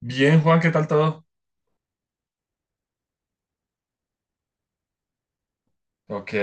Bien, Juan, ¿qué tal todo? Ok.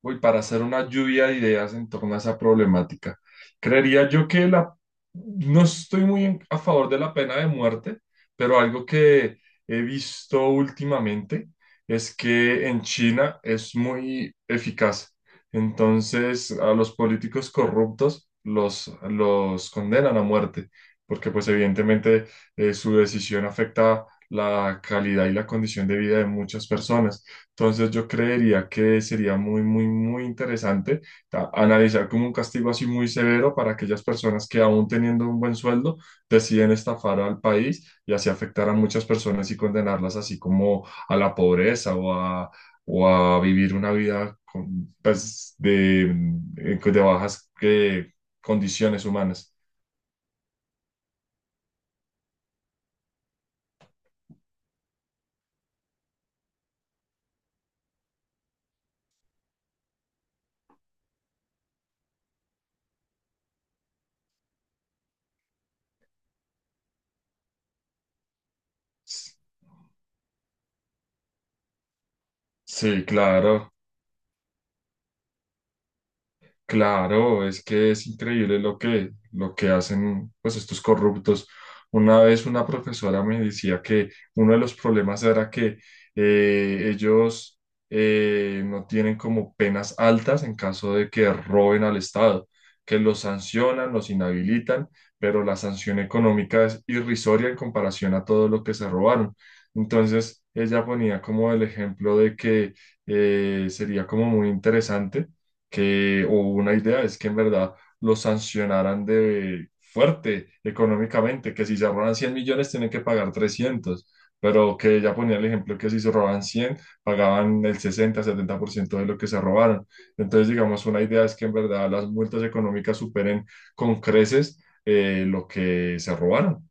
Uy, para hacer una lluvia de ideas en torno a esa problemática. Creería yo que no estoy muy a favor de la pena de muerte, pero algo que he visto últimamente es que en China es muy eficaz. Entonces, a los políticos corruptos los condenan a muerte, porque pues evidentemente su decisión afecta la calidad y la condición de vida de muchas personas. Entonces yo creería que sería muy, muy, muy interesante analizar como un castigo así muy severo para aquellas personas que aún teniendo un buen sueldo deciden estafar al país y así afectar a muchas personas y condenarlas así como a la pobreza o a vivir una vida con, pues, de bajas condiciones humanas. Sí, claro. Claro, es que es increíble lo que hacen pues estos corruptos. Una vez una profesora me decía que uno de los problemas era que ellos no tienen como penas altas en caso de que roben al Estado, que los sancionan, los inhabilitan, pero la sanción económica es irrisoria en comparación a todo lo que se robaron. Entonces, ella ponía como el ejemplo de que sería como muy interesante o una idea es que en verdad lo sancionaran de fuerte económicamente, que si se roban 100 millones tienen que pagar 300, pero que ya ponía el ejemplo que si se roban 100 pagaban el 60, 70% de lo que se robaron. Entonces, digamos, una idea es que en verdad las multas económicas superen con creces lo que se robaron.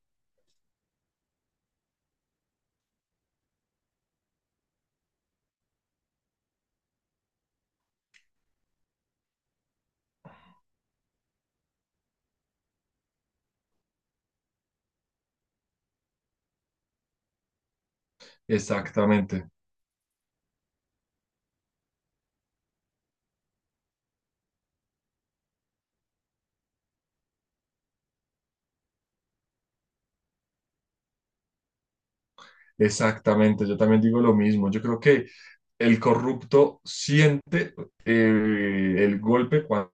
Exactamente. Exactamente, yo también digo lo mismo. Yo creo que el corrupto siente el golpe cuando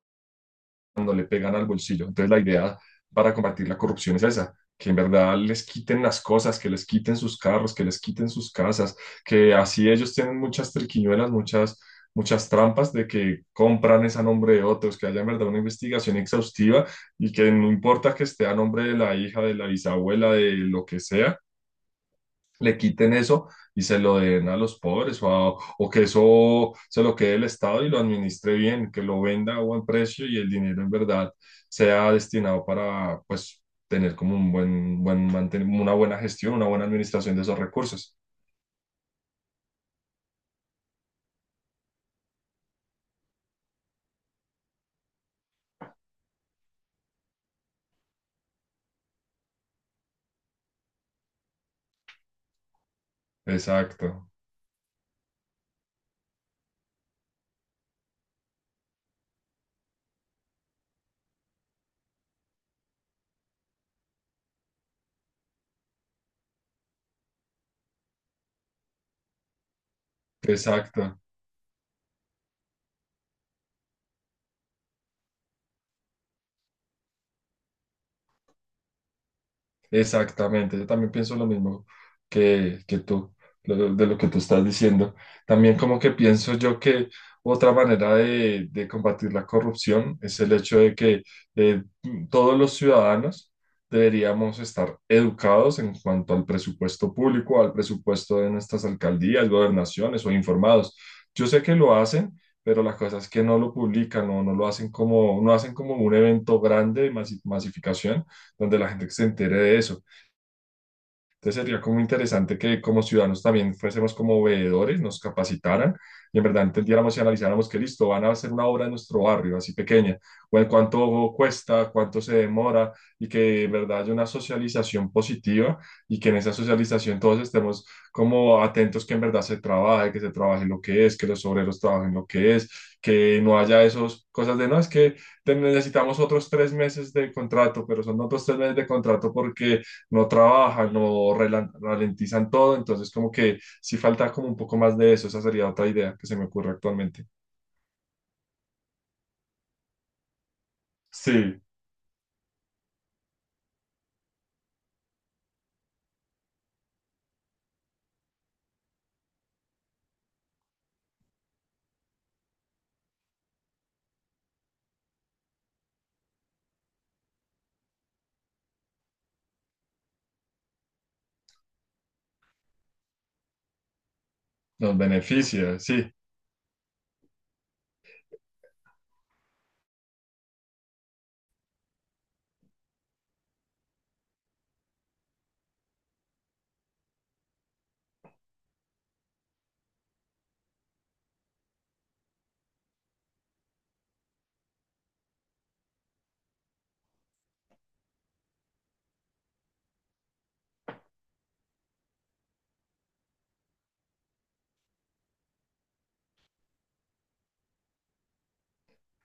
cuando le pegan al bolsillo. Entonces la idea para combatir la corrupción es esa, que en verdad les quiten las cosas, que les quiten sus carros, que les quiten sus casas, que así ellos tienen muchas triquiñuelas, muchas, muchas trampas de que compran es a nombre de otros, que haya en verdad una investigación exhaustiva y que no importa que esté a nombre de la hija, de la bisabuela, de lo que sea, le quiten eso y se lo den a los pobres, o que eso se lo quede el Estado y lo administre bien, que lo venda a buen precio y el dinero en verdad sea destinado para pues tener como un buen, buen manten- una buena gestión, una buena administración de esos recursos. Exacto, exacto. Exactamente, yo también pienso lo mismo que tú, de lo que tú estás diciendo. También como que pienso yo que otra manera de combatir la corrupción es el hecho de que eh, todos los ciudadanos deberíamos estar educados en cuanto al presupuesto público, al presupuesto de nuestras alcaldías, gobernaciones o informados. Yo sé que lo hacen, pero la cosa es que no lo publican o no lo hacen como, no hacen como un evento grande de masificación donde la gente se entere de eso. Entonces sería como interesante que como ciudadanos también fuésemos como veedores, nos capacitaran y en verdad entendiéramos y analizáramos que listo, van a hacer una obra en nuestro barrio, así pequeña, bueno, cuánto cuesta, cuánto se demora y que en verdad haya una socialización positiva y que en esa socialización todos estemos como atentos que en verdad se trabaje, que se trabaje lo que es, que los obreros trabajen lo que es, que no haya esas cosas de no, es que necesitamos otros 3 meses de contrato, pero son otros 3 meses de contrato porque no trabajan, no ralentizan todo, entonces como que sí falta como un poco más de eso, esa sería otra idea que se me ocurre actualmente. Sí, nos beneficia, sí.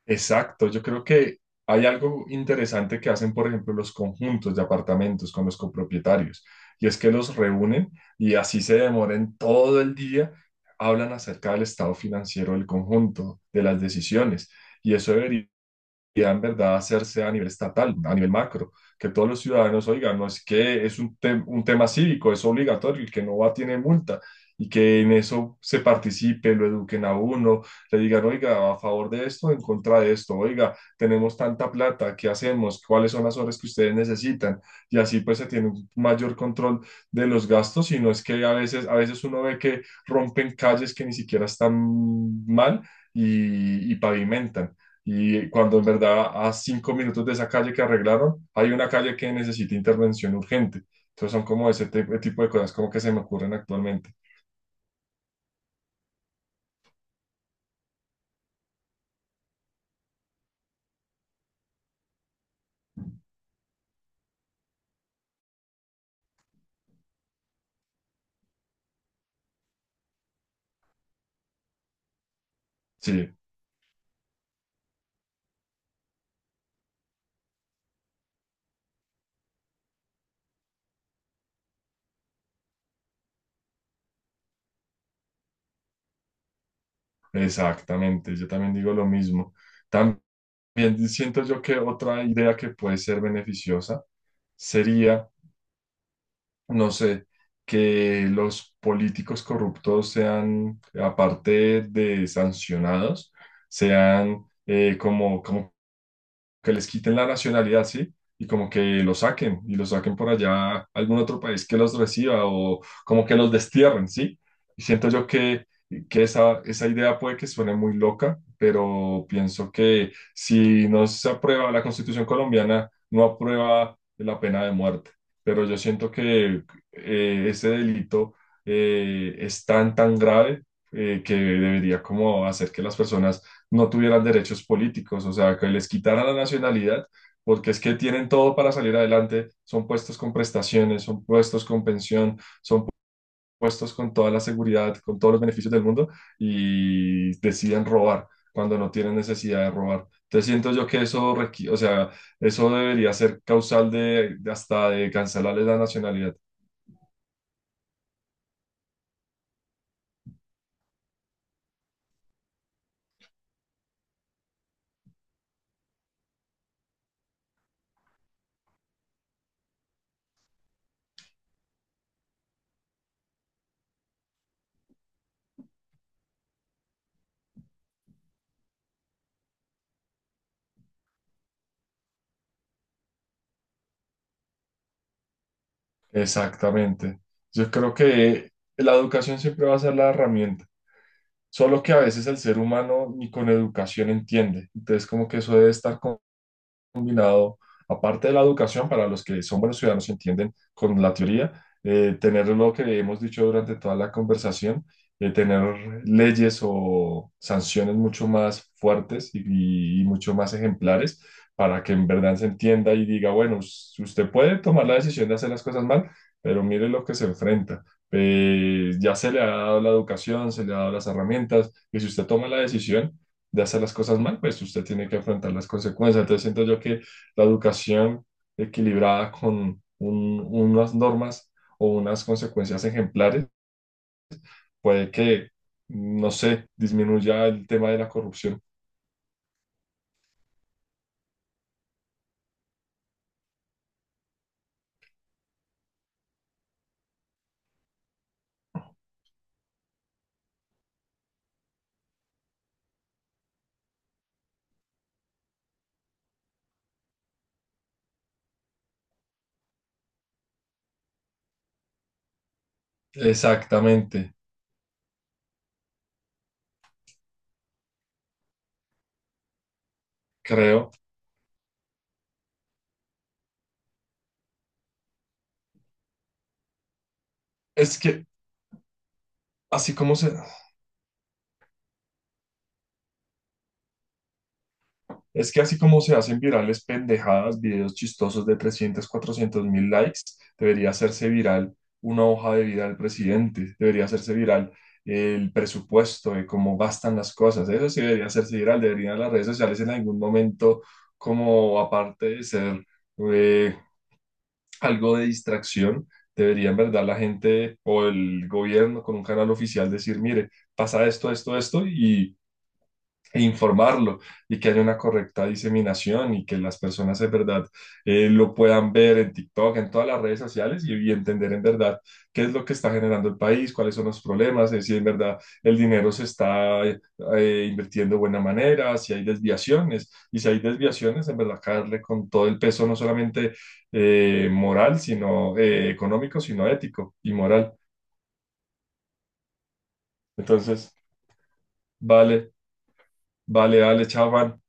Exacto, yo creo que hay algo interesante que hacen, por ejemplo, los conjuntos de apartamentos con los copropietarios, y es que los reúnen y así se demoren todo el día, hablan acerca del estado financiero del conjunto, de las decisiones, y eso debería en verdad hacerse a nivel estatal, a nivel macro, que todos los ciudadanos oigan, no es que es un tema cívico, es obligatorio, el que no va tiene multa y que en eso se participe, lo eduquen a uno, le digan, oiga, a favor de esto, en contra de esto, oiga, tenemos tanta plata, ¿qué hacemos? ¿Cuáles son las horas que ustedes necesitan? Y así pues se tiene un mayor control de los gastos y no es que a veces, uno ve que rompen calles que ni siquiera están mal y pavimentan. Y cuando en verdad a 5 minutos de esa calle que arreglaron, hay una calle que necesita intervención urgente. Entonces son como ese tipo de cosas como que se me ocurren actualmente. Sí, exactamente. Yo también digo lo mismo. También siento yo que otra idea que puede ser beneficiosa sería, no sé, que los políticos corruptos sean, aparte de sancionados, sean como que les quiten la nacionalidad, ¿sí? Y como que los saquen y los saquen por allá a algún otro país que los reciba o como que los destierren, ¿sí? Y siento yo que esa idea puede que suene muy loca, pero pienso que si no se aprueba la Constitución colombiana, no aprueba la pena de muerte. Pero yo siento que ese delito es tan, tan grave que debería como hacer que las personas no tuvieran derechos políticos, o sea, que les quitaran la nacionalidad, porque es que tienen todo para salir adelante, son puestos con prestaciones, son puestos con pensión, son puestos con toda la seguridad, con todos los beneficios del mundo y deciden robar cuando no tienen necesidad de robar. Entonces siento yo que o sea, eso debería ser causal de hasta de cancelarles la nacionalidad. Exactamente. Yo creo que la educación siempre va a ser la herramienta. Solo que a veces el ser humano ni con educación entiende. Entonces, como que eso debe estar con combinado, aparte de la educación, para los que son buenos ciudadanos y entienden con la teoría, tener lo que hemos dicho durante toda la conversación, tener leyes o sanciones mucho más fuertes y mucho más ejemplares para que en verdad se entienda y diga, bueno, usted puede tomar la decisión de hacer las cosas mal, pero mire lo que se enfrenta. Ya se le ha dado la educación, se le ha dado las herramientas, y si usted toma la decisión de hacer las cosas mal, pues usted tiene que afrontar las consecuencias. Entonces siento yo que la educación equilibrada con unas normas o unas consecuencias ejemplares puede que, no sé, disminuya el tema de la corrupción. Exactamente, creo. Es que así como se, Es que así como se hacen virales pendejadas, videos chistosos de 300, 400 mil likes, debería hacerse viral una hoja de vida del presidente, debería hacerse viral el presupuesto de cómo gastan las cosas. Eso sí debería hacerse viral, deberían las redes sociales en algún momento, como aparte de ser eh, algo de distracción, debería en verdad la gente o el gobierno con un canal oficial decir, mire, pasa esto, esto, esto, e informarlo y que haya una correcta diseminación y que las personas de verdad lo puedan ver en TikTok, en todas las redes sociales y entender en verdad qué es lo que está generando el país, cuáles son los problemas, si en verdad el dinero se está invirtiendo de buena manera, si hay desviaciones y si hay desviaciones, en verdad caerle con todo el peso, no solamente moral, sino económico, sino ético y moral. Entonces, vale, vale, dale, chao, Juan.